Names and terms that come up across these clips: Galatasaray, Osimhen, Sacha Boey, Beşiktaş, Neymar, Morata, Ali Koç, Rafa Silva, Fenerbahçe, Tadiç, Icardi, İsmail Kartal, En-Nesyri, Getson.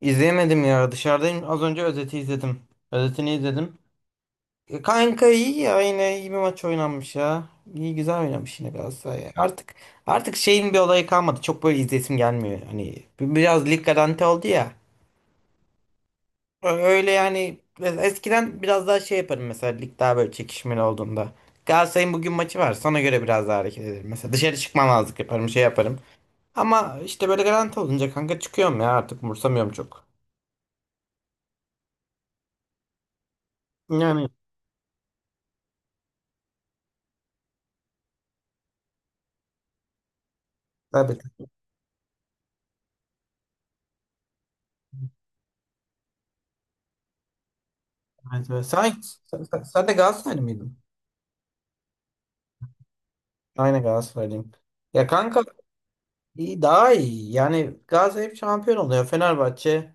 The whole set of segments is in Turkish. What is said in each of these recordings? İzleyemedim ya dışarıdayım. Az önce özeti izledim. Özetini izledim. E, kanka iyi ya yine iyi bir maç oynanmış ya. İyi güzel oynamış yine Galatasaray ya. Artık şeyin bir olayı kalmadı. Çok böyle izlesim gelmiyor. Hani biraz lig garanti oldu ya. Öyle yani. Mesela eskiden biraz daha şey yaparım, mesela lig daha böyle çekişmeli olduğunda. Galatasaray'ın bugün maçı var. Sana göre biraz daha hareket ederim. Mesela dışarı çıkmamazlık yaparım, şey yaparım. Ama işte böyle garanti olunca kanka çıkıyorum ya, artık umursamıyorum çok. Yani tabii. Evet, evet. Sen de Galatasaraylı mıydın? Aynen Galatasaraylıyım. Ya kanka iyi, daha iyi. Yani Galatasaray hep şampiyon oluyor. Fenerbahçe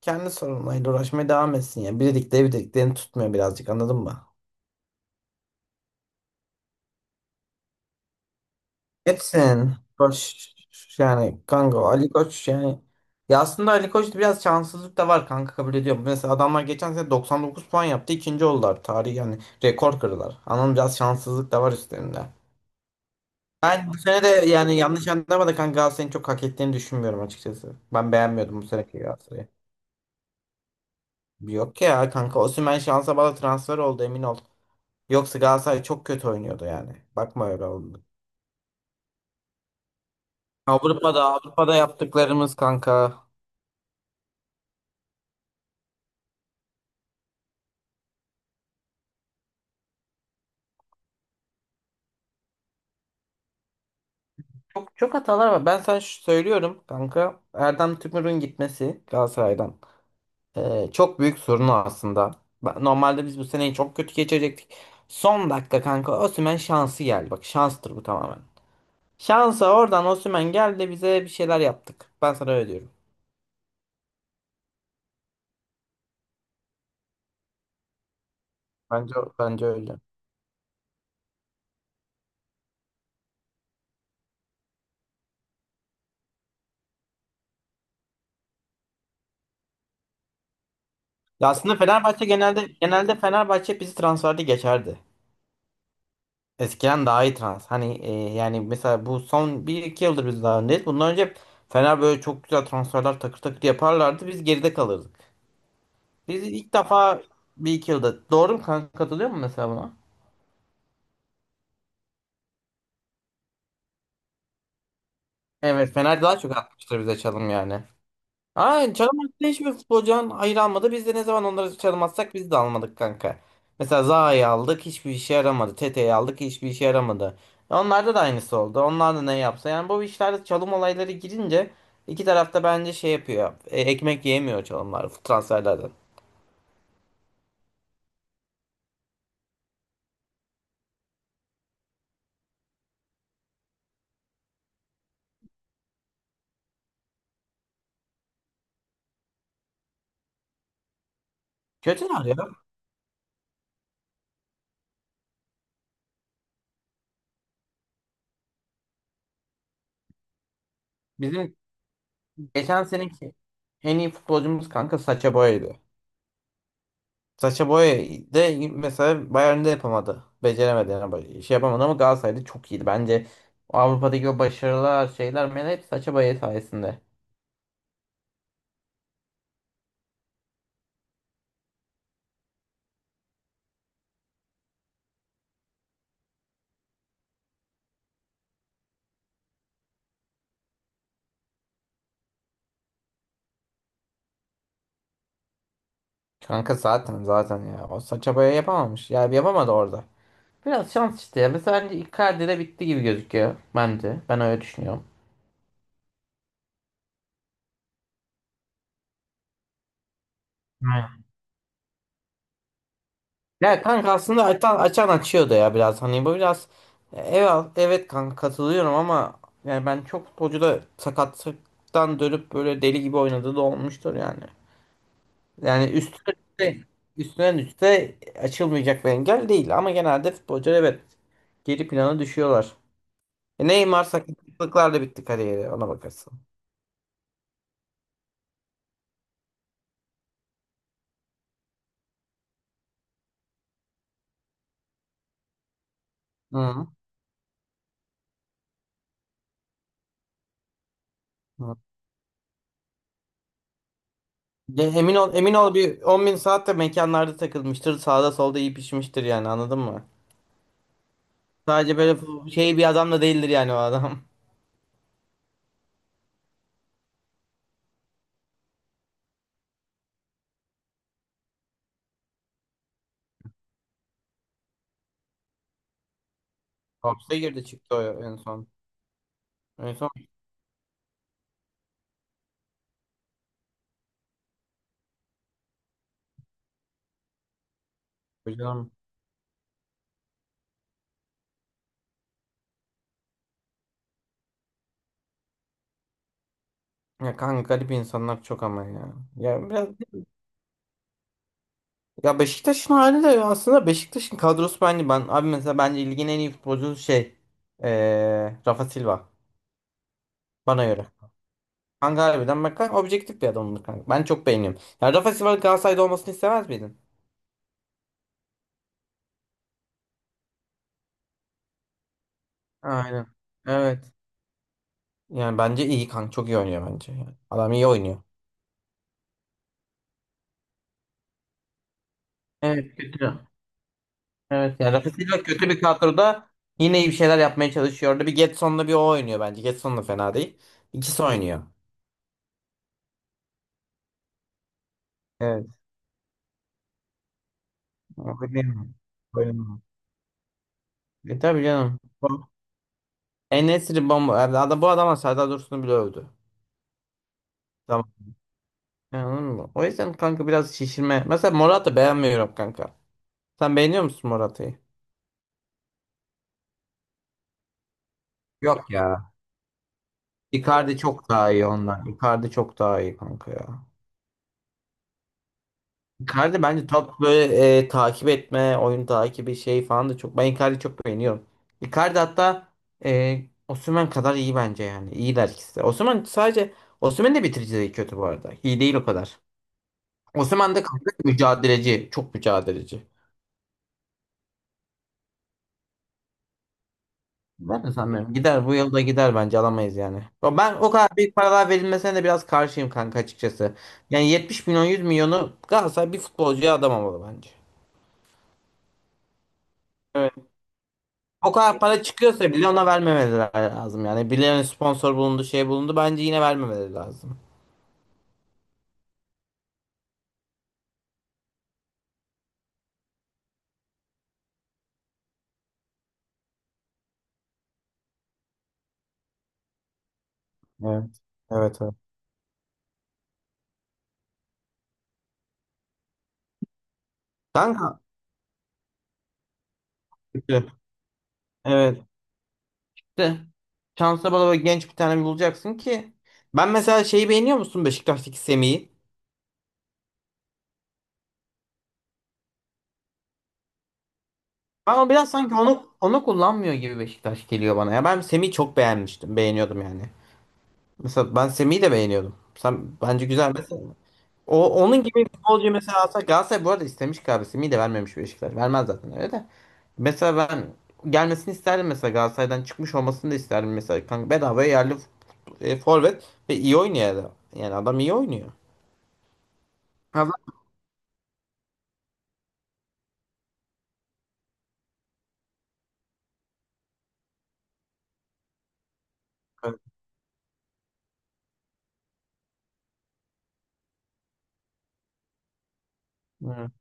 kendi sorunlarıyla uğraşmaya devam etsin ya. Birlikte birliklerini tutmuyor birazcık, anladın mı? Etsin. Koç yani kanka Ali Koç yani ya aslında Ali Koç'ta biraz şanssızlık da var kanka, kabul ediyorum. Mesela adamlar geçen sene 99 puan yaptı, ikinci oldular. Tarih yani rekor kırdılar. Anladın mı? Biraz şanssızlık da var üstlerinde. Ben bu sene de yani, yanlış anlama da kanka, Galatasaray'ın çok hak ettiğini düşünmüyorum açıkçası. Ben beğenmiyordum bu seneki Galatasaray'ı. Yok ya kanka, Osimhen şansa bağlı transfer oldu, emin ol. Yoksa Galatasaray çok kötü oynuyordu yani. Bakma, öyle oldu. Avrupa'da yaptıklarımız kanka. Çok çok hatalar var. Ben sana şu söylüyorum kanka. Erdem Tümür'ün gitmesi Galatasaray'dan çok büyük sorunu aslında. Normalde biz bu seneyi çok kötü geçirecektik. Son dakika kanka Osimhen şansı geldi. Bak, şanstır bu tamamen. Şansa oradan Osimhen geldi, bize bir şeyler yaptık. Ben sana öyle diyorum. Bence öyle. Ya aslında Fenerbahçe genelde Fenerbahçe bizi transferde geçerdi. Eskiden daha iyi trans. Hani yani mesela bu son bir iki yıldır biz daha öndeyiz. Bundan önce Fener böyle çok güzel transferler takır takır yaparlardı. Biz geride kalırdık. Biz ilk defa bir iki yılda. Doğru mu kanka? Katılıyor mu mesela buna? Evet, Fener daha çok atmıştır bize çalım yani. Aynen, Çalımaz'da hiçbir futbolcudan hayır almadı. Biz de ne zaman onları çalmazsak biz de almadık kanka. Mesela Zaha'yı aldık, hiçbir işe yaramadı. Tete'yi aldık, hiçbir işe yaramadı. E, onlarda da aynısı oldu. Onlar da ne yapsa. Yani bu işlerde çalım olayları girince iki tarafta bence şey yapıyor. E, ekmek yiyemiyor çalımlar transferlerden. Kötü ne ya? Bizim geçen seneki en iyi futbolcumuz kanka Sacha Boey'di. Saça Boey de mesela Bayern'de yapamadı. Beceremedi yani. Şey yapamadı ama Galatasaray'da çok iyiydi. Bence Avrupa'daki o başarılar şeyler men hep Sacha Boey sayesinde. Kanka zaten ya. O Sacha Boey yapamamış. Ya yapamadı orada. Biraz şans işte ya. Mesela bence Icardi'de bitti gibi gözüküyor. Bence. Ben öyle düşünüyorum. Aynen. Ya kanka aslında açan açıyordu ya biraz. Hani bu biraz evet, evet kanka katılıyorum ama yani ben çok futbolcu da sakatlıktan dönüp böyle deli gibi oynadığı da olmuştur yani. Yani üstüne üste açılmayacak bir engel değil. Ama genelde futbolcular, evet, geri plana düşüyorlar. E, Neymar sakatlıklarla bitti kariyeri, ona bakarsın. Hı hı. Ya emin ol, emin ol bir 10 bin saat de mekanlarda takılmıştır. Sağda solda iyi pişmiştir yani, anladın mı? Sadece böyle şey bir adam da değildir yani o adam. Hapse girdi çıktı o en son. En son. Hocam. Ya kanka garip insanlar çok ama ya. Ya biraz. Ya Beşiktaş'ın hali de aslında Beşiktaş'ın kadrosu bence, ben abi mesela bence ligin en iyi futbolcusu şey Rafa Silva, bana göre. Kanka harbiden, bak kanka objektif bir adamdır kanka. Ben çok beğeniyorum. Ya Rafa Silva Galatasaray'da olmasını istemez miydin? Aynen. Evet. Yani bence iyi kanka, çok iyi oynuyor bence. Yani adam iyi oynuyor. Evet, kötü. Evet. Yani Rafa Silva kötü bir kadroda yine iyi bir şeyler yapmaya çalışıyor. Orada bir Getson'la bir o oynuyor bence. Getson da fena değil. İkisi oynuyor. Evet. Oynayamam. Oynayamam. E, tabii canım. En-Nesyri bomba. Yani adam, bu adama Serdar Dursun'u bile övdü. Tamam. Yani, anladın mı? O yüzden kanka biraz şişirme. Mesela Morata beğenmiyorum kanka. Sen beğeniyor musun Morata'yı? Yok ya. Icardi çok daha iyi ondan. Icardi çok daha iyi kanka ya. Icardi bence top böyle takip etme, oyun takibi şey falan da çok. Ben Icardi'yi çok beğeniyorum. Icardi hatta e, Osimhen kadar iyi bence yani. İyiler ikisi de. Osimhen sadece. Osimhen de bitirici değil, kötü bu arada. İyi değil o kadar. Osimhen de kanka mücadeleci. Çok mücadeleci. Ben de sanmıyorum. Gider bu yılda, gider bence alamayız yani. Ama ben o kadar büyük paralar verilmesine de biraz karşıyım kanka açıkçası. Yani 70 milyon, 100 milyonu Galatasaray bir futbolcuya adamamalı bence. Evet. O kadar para çıkıyorsa bile ona vermemeleri lazım yani. Birilerine sponsor bulundu, şey bulundu, bence yine vermemeleri lazım. Evet. Evet, evet. Kanka. Kötü. Evet. De. Şansa bala bala genç bir tane bulacaksın ki. Ben mesela, şeyi beğeniyor musun Beşiktaş'taki Semih'i? Ama biraz sanki onu kullanmıyor gibi Beşiktaş, geliyor bana ya. Ben Semih'i çok beğenmiştim. Beğeniyordum yani. Mesela ben Semih'i de beğeniyordum. Sen bence güzel mesela. O onun gibi bir futbolcu mesela alsak Galatasaray, bu arada istemiş galiba Semih'i de vermemiş Beşiktaş. Vermez zaten öyle de. Mesela ben gelmesini isterdim mesela, Galatasaray'dan çıkmış olmasını da isterdim mesela. Kanka bedava yerli forvet ve iyi oynuyor adam. Yani adam iyi oynuyor. Ha, bak.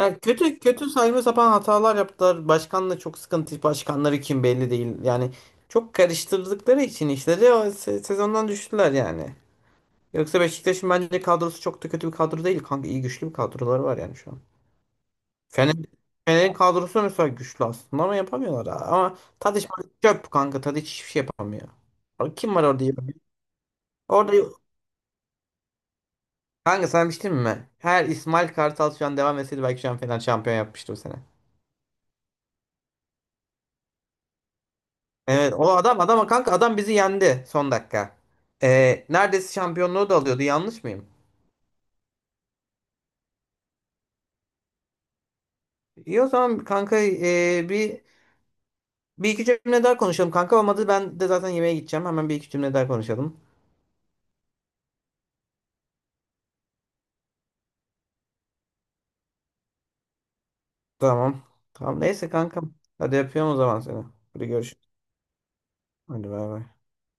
Yani kötü kötü saçma sapan hatalar yaptılar. Başkanla çok sıkıntı. Başkanları kim belli değil. Yani çok karıştırdıkları için işleri o sezondan düştüler yani. Yoksa Beşiktaş'ın bence kadrosu çok da kötü bir kadro değil kanka. İyi, güçlü bir kadroları var yani şu an. Fener, Fener'in kadrosu mesela güçlü aslında ama yapamıyorlar ha. Ama Tadiç çöp kanka. Tadiç hiçbir şey yapamıyor. Abi, kim var orada iyi? Orada kanka, sana bir şey diyeyim mi? Her İsmail Kartal şu an devam etseydi belki şu an Fener şampiyon yapmıştı o sene. Evet, o adam adama kanka, adam bizi yendi son dakika. Neredeyse şampiyonluğu da alıyordu, yanlış mıyım? İyi o zaman kanka bir iki cümle daha konuşalım kanka, olmadı ben de zaten yemeğe gideceğim, hemen bir iki cümle daha konuşalım. Tamam. Tamam neyse kankam. Hadi yapıyorum o zaman seni. Hadi görüşürüz. Hadi bay bay.